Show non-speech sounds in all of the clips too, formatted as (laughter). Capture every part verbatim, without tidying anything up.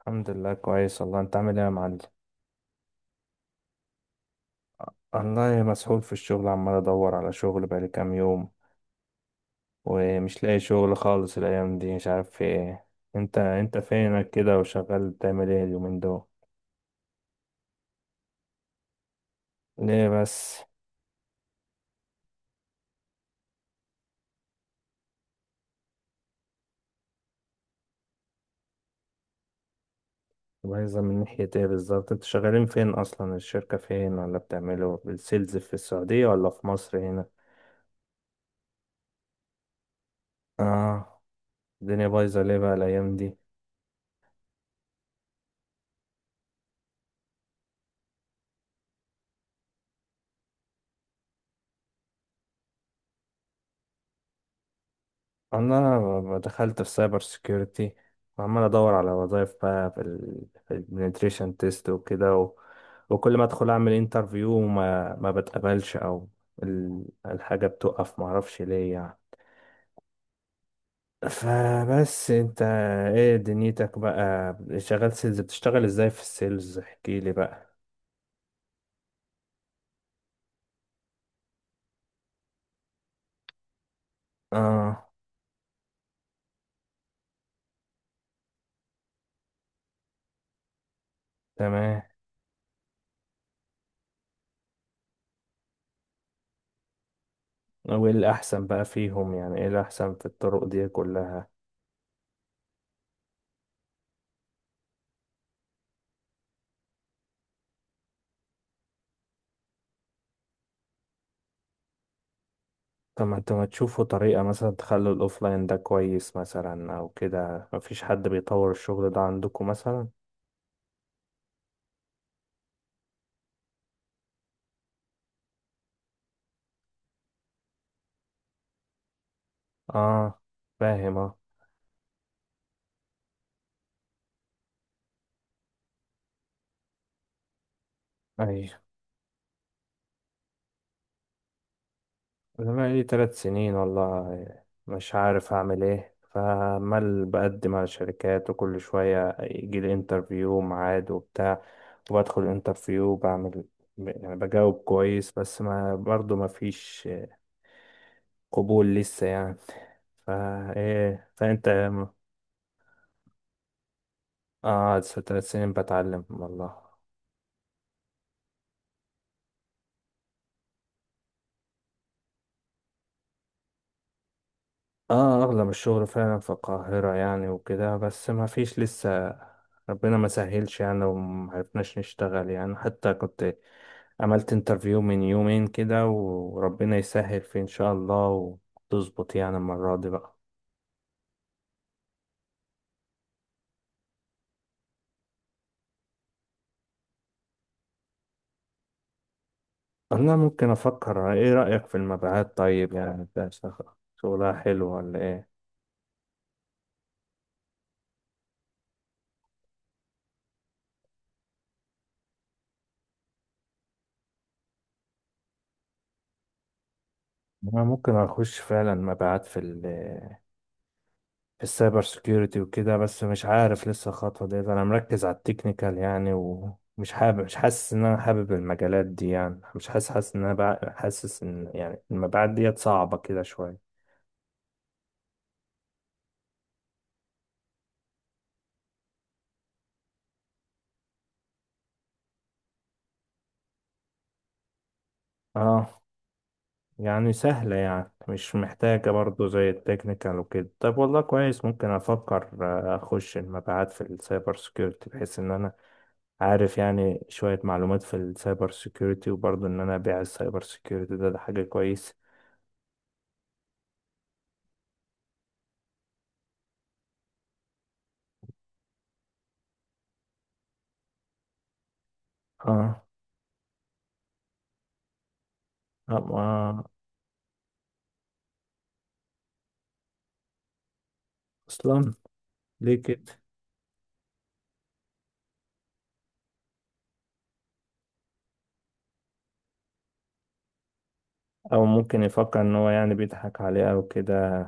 الحمد لله، كويس والله. انت عامل ايه يا معلم؟ والله مسحول في الشغل، عمال ادور على شغل بقالي كام يوم ومش لاقي شغل خالص الايام دي. مش عارف في ايه. انت انت فينك كده وشغال بتعمل ايه اليومين دول؟ ليه بس؟ مميزة من ناحية ايه بالظبط؟ انتوا شغالين فين اصلا؟ الشركة فين؟ ولا بتعملوا السيلز في السعودية ولا في مصر هنا؟ اه. الدنيا بايظة ليه بقى الايام دي؟ انا ب- دخلت في سايبر سيكيورتي، وعمال ادور على وظايف بقى في ال في البنتريشن تيست وكده و... وكل ما ادخل اعمل انترفيو وما ما بتقبلش، او ال- الحاجه بتقف ما اعرفش ليه يعني. فبس انت، ايه دنيتك بقى؟ شغال سيلز؟ بتشتغل ازاي في السيلز؟ احكي لي بقى. اه. تمام. وايه الاحسن بقى فيهم؟ يعني ايه الاحسن في الطرق دي كلها؟ طب ما انتوا ما تشوفوا طريقة مثلا تخلوا الأوفلاين ده كويس مثلا أو كده؟ مفيش حد بيطور الشغل ده عندكم مثلا؟ اه، فاهم، اه. أيوة. أنا بقالي تلات سنين والله مش عارف أعمل إيه، فعمال بقدم على شركات وكل شوية يجيلي انترفيو ميعاد وبتاع، وبدخل الانترفيو بعمل، يعني بجاوب كويس، بس ما برضه مفيش قبول لسه يعني. فا إيه فأنت؟ قعد ثلاث سنين بتعلم والله. اه، اغلب الشغل فعلا في القاهرة يعني وكده، بس ما فيش لسه. ربنا ما سهلش يعني ومعرفناش نشتغل يعني. حتى كنت عملت انترفيو من يومين كده، وربنا يسهل فيه ان شاء الله وتظبط يعني المرة دي بقى. انا ممكن افكر. ايه رأيك في المبيعات طيب؟ يعني ده شغ- شغلها حلو ولا ايه؟ انا ممكن اخش فعلا مبيعات في السايبر سيكيورتي وكده، بس مش عارف لسه الخطوة ديت. انا مركز على التكنيكال يعني، ومش حابب مش حاسس ان انا حابب المجالات دي يعني. مش حاسس حاسس ان انا بع- حاسس ان يعني المبيعات ديت صعبة كده شوية. اه. يعني سهلة يعني؟ مش محتاجة برضو زي التكنيكال وكده؟ طب والله كويس، ممكن افكر. آه، اخش المبيعات في السايبر سيكيورتي بحيث ان انا عارف يعني شوية معلومات في السايبر سيكيورتي، وبرضو ان انا ابيع السايبر سيكيورتي ده, ده حاجة كويسة. اه. آه، اصلا ليه كده؟ او ممكن يفكر ان هو يعني بيضحك عليه او كده.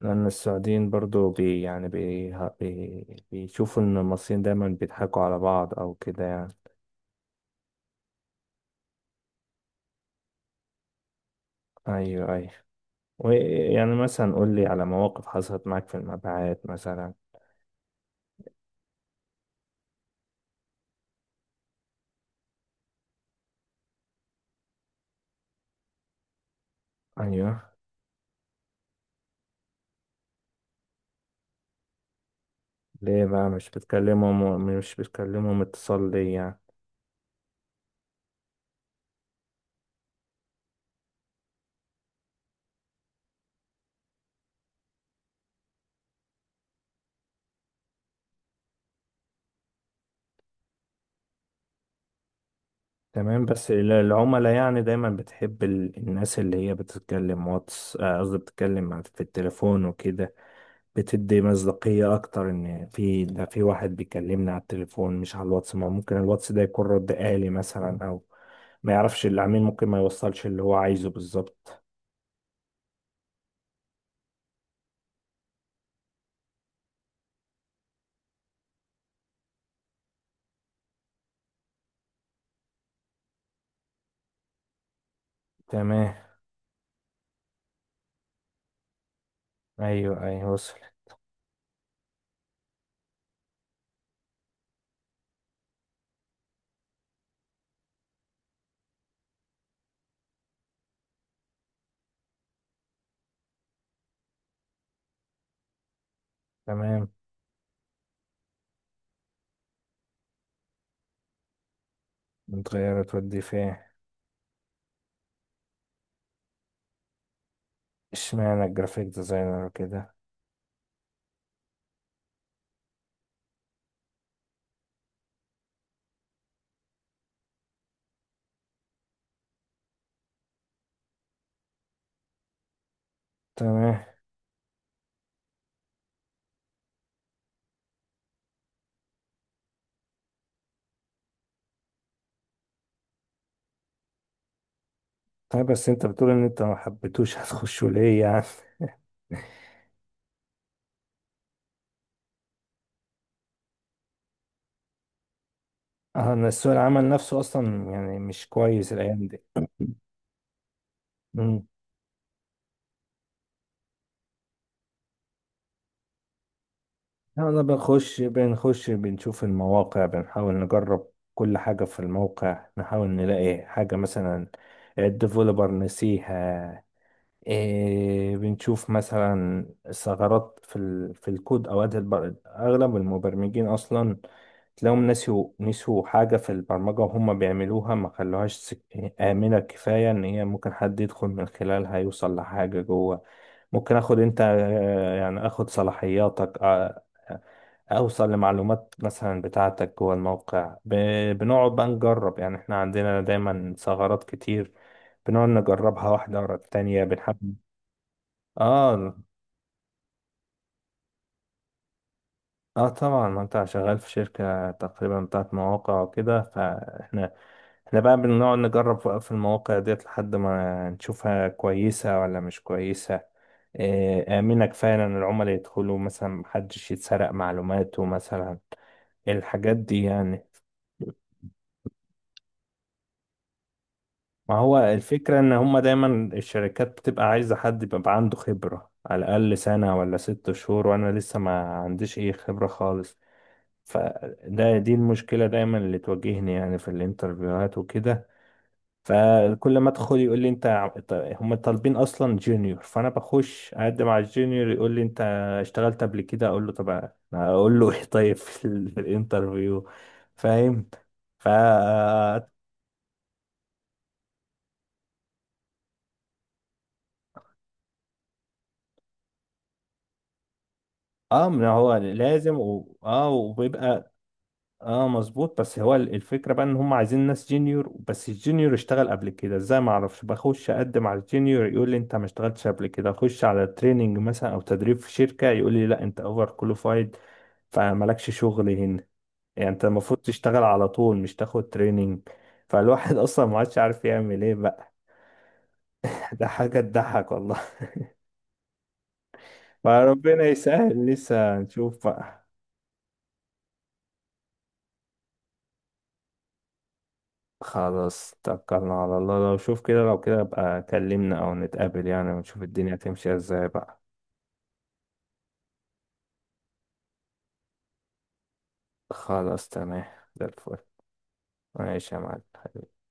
لان السعوديين برضو بي يعني بي بي بيشوفوا ان المصريين دايما بيضحكوا على بعض او كده يعني. ايوه، ايوه. ويعني مثلا قول لي على مواقف حصلت معاك في المبيعات مثلا. ايوه. ليه بقى مش بتكلمهم مش بتكلمهم اتصال ليه يعني؟ تمام. بس ال- العملاء يعني دايما بتحب ال- الناس اللي هي بتتكلم واتس، آه، قصدي بتتكلم مع- في التليفون وكده. بتدي مصداقية أكتر إن في ده في واحد بيكلمني على التليفون مش على الواتس. ما ممكن الواتس ده يكون رد آلي مثلا أو ما يعرفش العميل، ممكن ما يوصلش اللي هو عايزه بالظبط. تمام. أيوه، أيوه، وصل. تمام. متغيرة تودي فين؟ اشمعنى الجرافيك ديزاينر كده؟ تمام. طيب بس أنت بتقول إن أنت ما حبيتوش (laughs) هتخشه ليه يعني؟ أه، إن سوق العمل نفسه أصلا يعني مش كويس الأيام دي. انا بنخش بنخش بنشوف المواقع، بنحاول نجرب كل حاجة في الموقع، نحاول نلاقي حاجة مثلا الديفلوبر نسيها. إيه، بنشوف مثلا ثغرات في ال... في الكود. اوقات البر... اغلب المبرمجين اصلا تلاقيهم نسيوا نسيوا حاجة في البرمجة وهم بيعملوها، ما خلوهاش سك... آمنة كفاية. ان هي ممكن حد يدخل من خلالها يوصل لحاجة جوه. ممكن اخد انت، آه، يعني اخد صلاحياتك، آه، اوصل لمعلومات مثلا بتاعتك جوه الموقع ب... بنقعد بقى نجرب يعني. احنا عندنا دايما ثغرات كتير بنقعد نجربها واحدة ورا التانية، بنحب. اه. اه، طبعا، ما انت شغال في شركة تقريبا بتاعت مواقع وكده، فاحنا احنا بقى بنقعد نجرب في المواقع ديت لحد ما نشوفها كويسة ولا مش كويسة. آه، آمنة كفاية إن العملاء يدخلوا مثلا محدش يتسرق معلوماته مثلا. الحاجات دي يعني. ما هو الفكرة إن هما دايما الشركات بتبقى عايزة حد يبقى عنده خبرة على الأقل سنة ولا ست شهور، وأنا لسه ما عنديش أي خبرة خالص. فده دي المشكلة دايما اللي تواجهني يعني في الانترفيوهات وكده. فكل ما أدخل يقول لي أنت، ع- ط- هما طالبين أصلا جونيور. فأنا بخش أقدم على الجونيور يقول لي أنت اشتغلت قبل كده؟ أقول له طب أنا أقول له إيه طيب في ال- في الانترفيو؟ فاهم؟ ف، اه، ما هو لازم و... اه وبيبقى، اه، مظبوط. بس هو ال- الفكرة بقى ان هم عايزين ناس جينيور، بس الجينيور اشتغل قبل كده ازاي ما اعرفش. بخش اقدم على الجينيور يقول لي انت ما اشتغلتش قبل كده. اخش على تريننج مثلا او تدريب في شركة يقول لي لا، انت اوفر كواليفايد فمالكش شغل هنا. يعني انت المفروض تشتغل على طول مش تاخد تريننج. فالواحد (laughs) اصلا ما عادش عارف يعمل ايه بقى. (laughs) ده حاجة تضحك والله. (laughs) فربنا يسهل، لسه هنشوف بقى. خلاص، توكلنا على الله. لو شوف كده، لو كده بقى كلمنا او نتقابل يعني ونشوف الدنيا هتمشي ازاي بقى. خلاص، تمام. زي الفل. ماشي يا معلم.